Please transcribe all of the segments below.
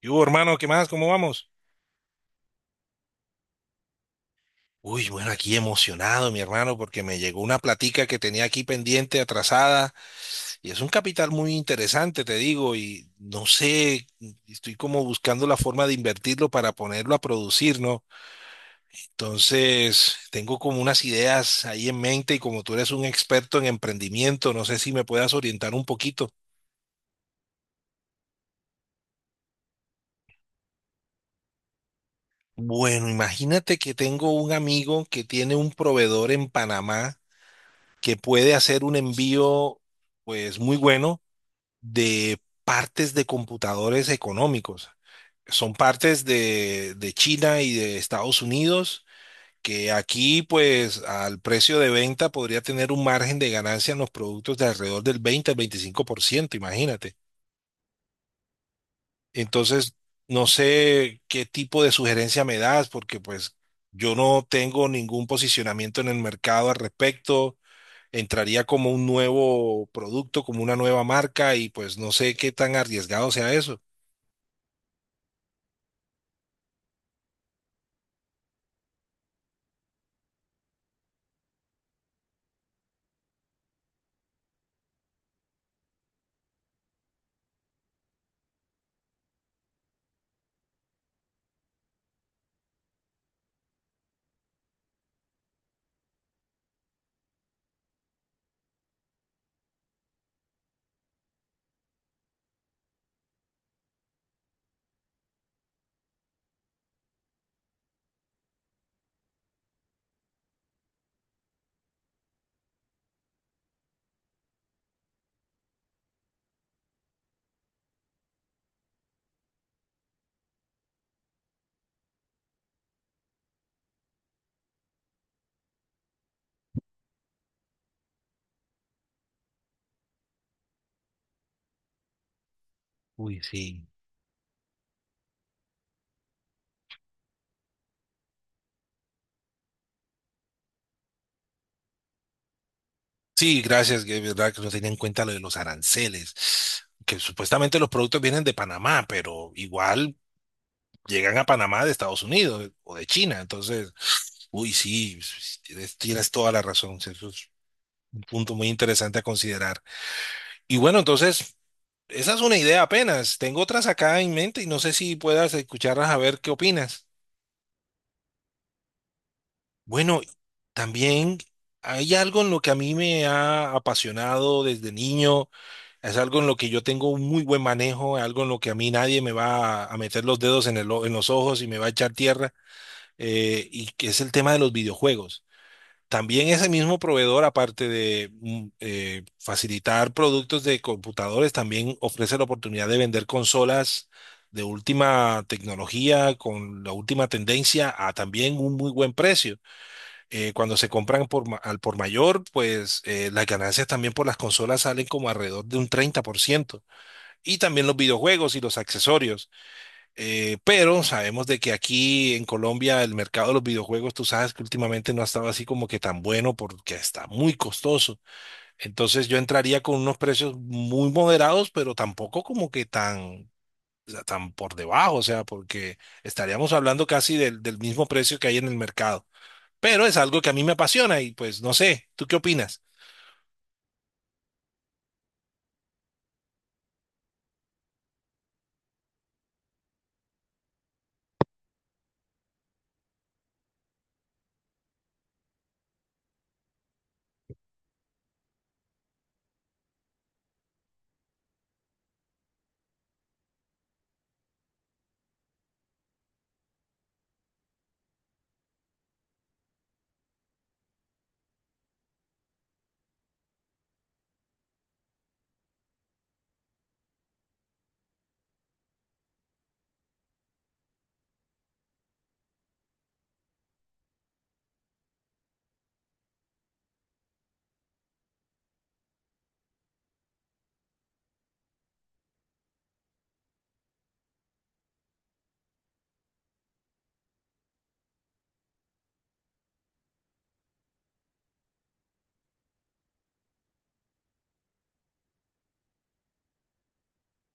¿Y hubo, hermano? ¿Qué más? ¿Cómo vamos? Uy, bueno, aquí emocionado, mi hermano, porque me llegó una platica que tenía aquí pendiente, atrasada, y es un capital muy interesante, te digo, y no sé, estoy como buscando la forma de invertirlo para ponerlo a producir, ¿no? Entonces, tengo como unas ideas ahí en mente y como tú eres un experto en emprendimiento, no sé si me puedas orientar un poquito. Bueno, imagínate que tengo un amigo que tiene un proveedor en Panamá que puede hacer un envío pues muy bueno de partes de computadores económicos. Son partes de China y de Estados Unidos que aquí pues al precio de venta podría tener un margen de ganancia en los productos de alrededor del 20 al 25%, imagínate. Entonces, no sé qué tipo de sugerencia me das porque pues yo no tengo ningún posicionamiento en el mercado al respecto. Entraría como un nuevo producto, como una nueva marca y pues no sé qué tan arriesgado sea eso. Uy, sí. Sí, gracias, que es verdad que no tenía en cuenta lo de los aranceles, que supuestamente los productos vienen de Panamá, pero igual llegan a Panamá de Estados Unidos o de China. Entonces, uy, sí, tienes, tienes toda la razón, eso es un punto muy interesante a considerar. Y bueno, entonces, esa es una idea apenas, tengo otras acá en mente y no sé si puedas escucharlas a ver qué opinas. Bueno, también hay algo en lo que a mí me ha apasionado desde niño, es algo en lo que yo tengo un muy buen manejo, algo en lo que a mí nadie me va a meter los dedos en en los ojos y me va a echar tierra, y que es el tema de los videojuegos. También ese mismo proveedor, aparte de facilitar productos de computadores, también ofrece la oportunidad de vender consolas de última tecnología, con la última tendencia, a también un muy buen precio cuando se compran al por mayor, pues las ganancias también por las consolas salen como alrededor de un 30%. Y también los videojuegos y los accesorios. Pero sabemos de que aquí en Colombia el mercado de los videojuegos, tú sabes que últimamente no ha estado así como que tan bueno porque está muy costoso. Entonces yo entraría con unos precios muy moderados, pero tampoco como que tan, o sea, tan por debajo, o sea, porque estaríamos hablando casi del mismo precio que hay en el mercado, pero es algo que a mí me apasiona y pues no sé, ¿tú qué opinas?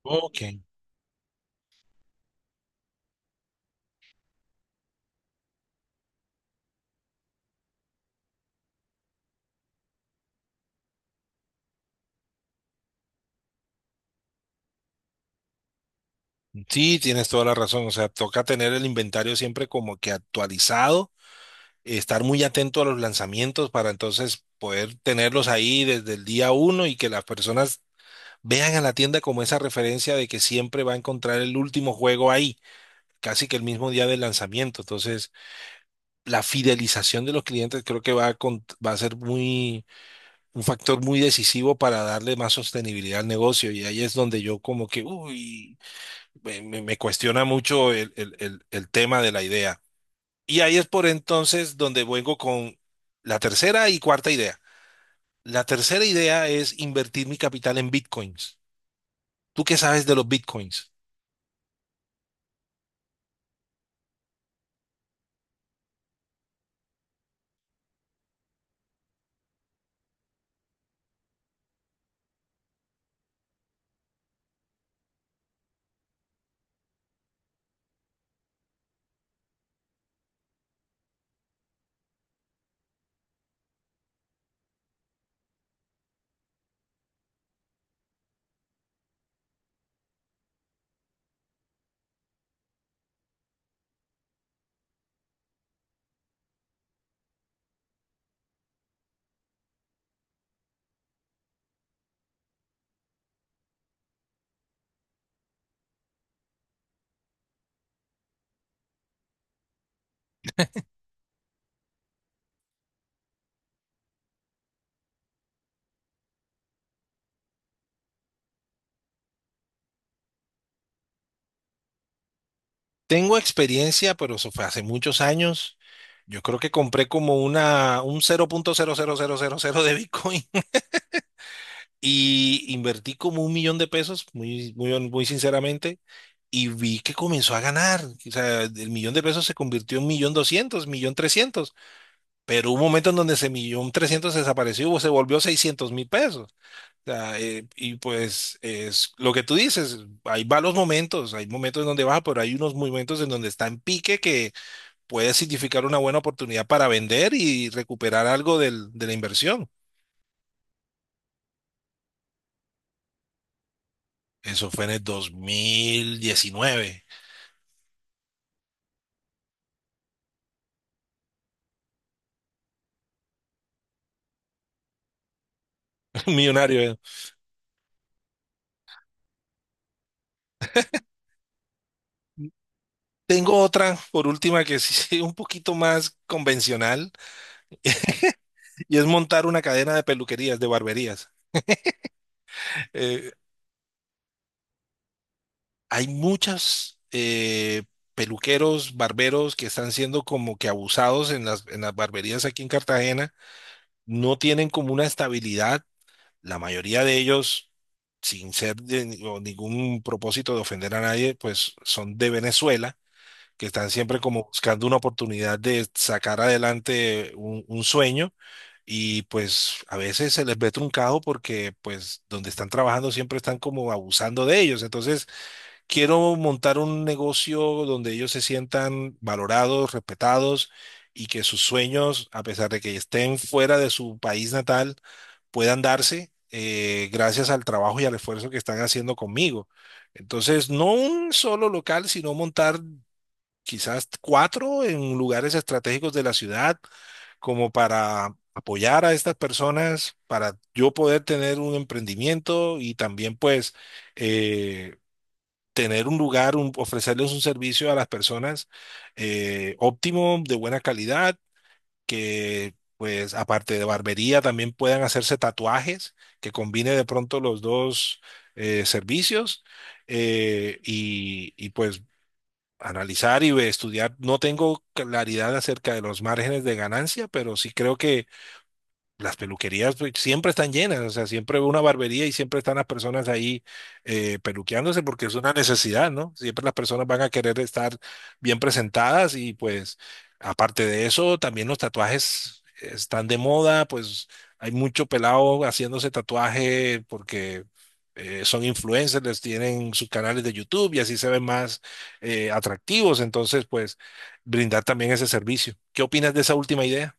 Ok. Sí, tienes toda la razón, o sea, toca tener el inventario siempre como que actualizado, estar muy atento a los lanzamientos para entonces poder tenerlos ahí desde el día uno y que las personas vean a la tienda como esa referencia de que siempre va a encontrar el último juego ahí, casi que el mismo día del lanzamiento. Entonces, la fidelización de los clientes creo que va a ser muy un factor muy decisivo para darle más sostenibilidad al negocio. Y ahí es donde yo como que, uy, me cuestiona mucho el tema de la idea. Y ahí es por entonces donde vengo con la tercera y cuarta idea. La tercera idea es invertir mi capital en bitcoins. ¿Tú qué sabes de los bitcoins? Tengo experiencia, pero eso fue hace muchos años. Yo creo que compré como un cero punto cero cero cero punto cero de bitcoin. Y invertí como un millón de pesos, muy, muy, muy sinceramente, y vi que comenzó a ganar. O sea, el millón de pesos se convirtió en millón doscientos, millón trescientos. Pero hubo un momento en donde ese millón trescientos desapareció, o se volvió seiscientos mil pesos. O sea, y pues es lo que tú dices, hay malos momentos, hay momentos en donde baja, pero hay unos momentos en donde está en pique que puede significar una buena oportunidad para vender y recuperar algo de la inversión. Eso fue en el dos mil diecinueve. Millonario. eh. Tengo otra, por última, que sí es un poquito más convencional y es montar una cadena de peluquerías, de barberías. Eh, Hay muchas peluqueros, barberos que están siendo como que abusados en en las barberías aquí en Cartagena. No tienen como una estabilidad. La mayoría de ellos, sin ser de ni- o ningún propósito de ofender a nadie, pues son de Venezuela que están siempre como buscando una oportunidad de sacar adelante un sueño y pues a veces se les ve truncado porque pues donde están trabajando siempre están como abusando de ellos. Entonces quiero montar un negocio donde ellos se sientan valorados, respetados y que sus sueños, a pesar de que estén fuera de su país natal, puedan darse, gracias al trabajo y al esfuerzo que están haciendo conmigo. Entonces, no un solo local, sino montar quizás cuatro en lugares estratégicos de la ciudad, como para apoyar a estas personas, para yo poder tener un emprendimiento y también pues eh, tener un lugar, ofrecerles un servicio a las personas óptimo, de buena calidad, que pues aparte de barbería también puedan hacerse tatuajes, que combine de pronto los dos servicios y pues analizar y estudiar. No tengo claridad acerca de los márgenes de ganancia, pero sí creo que las peluquerías pues, siempre están llenas, o sea, siempre veo una barbería y siempre están las personas ahí peluqueándose porque es una necesidad, ¿no? Siempre las personas van a querer estar bien presentadas y pues aparte de eso, también los tatuajes están de moda, pues hay mucho pelado haciéndose tatuaje porque son influencers, les tienen sus canales de YouTube y así se ven más atractivos, entonces pues brindar también ese servicio. ¿Qué opinas de esa última idea?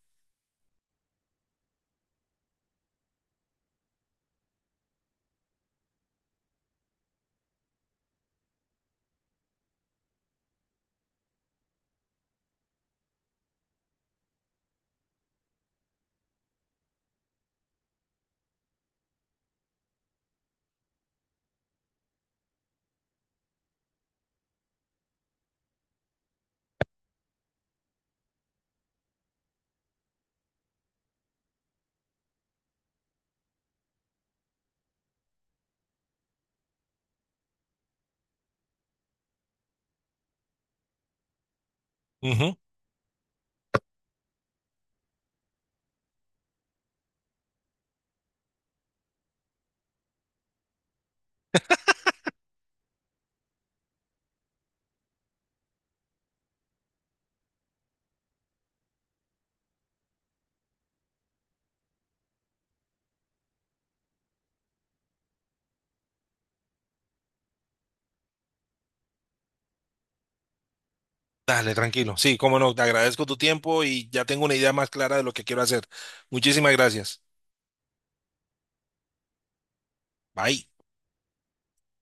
Ujú. Dale, tranquilo. Sí, cómo no, te agradezco tu tiempo y ya tengo una idea más clara de lo que quiero hacer. Muchísimas gracias. Bye.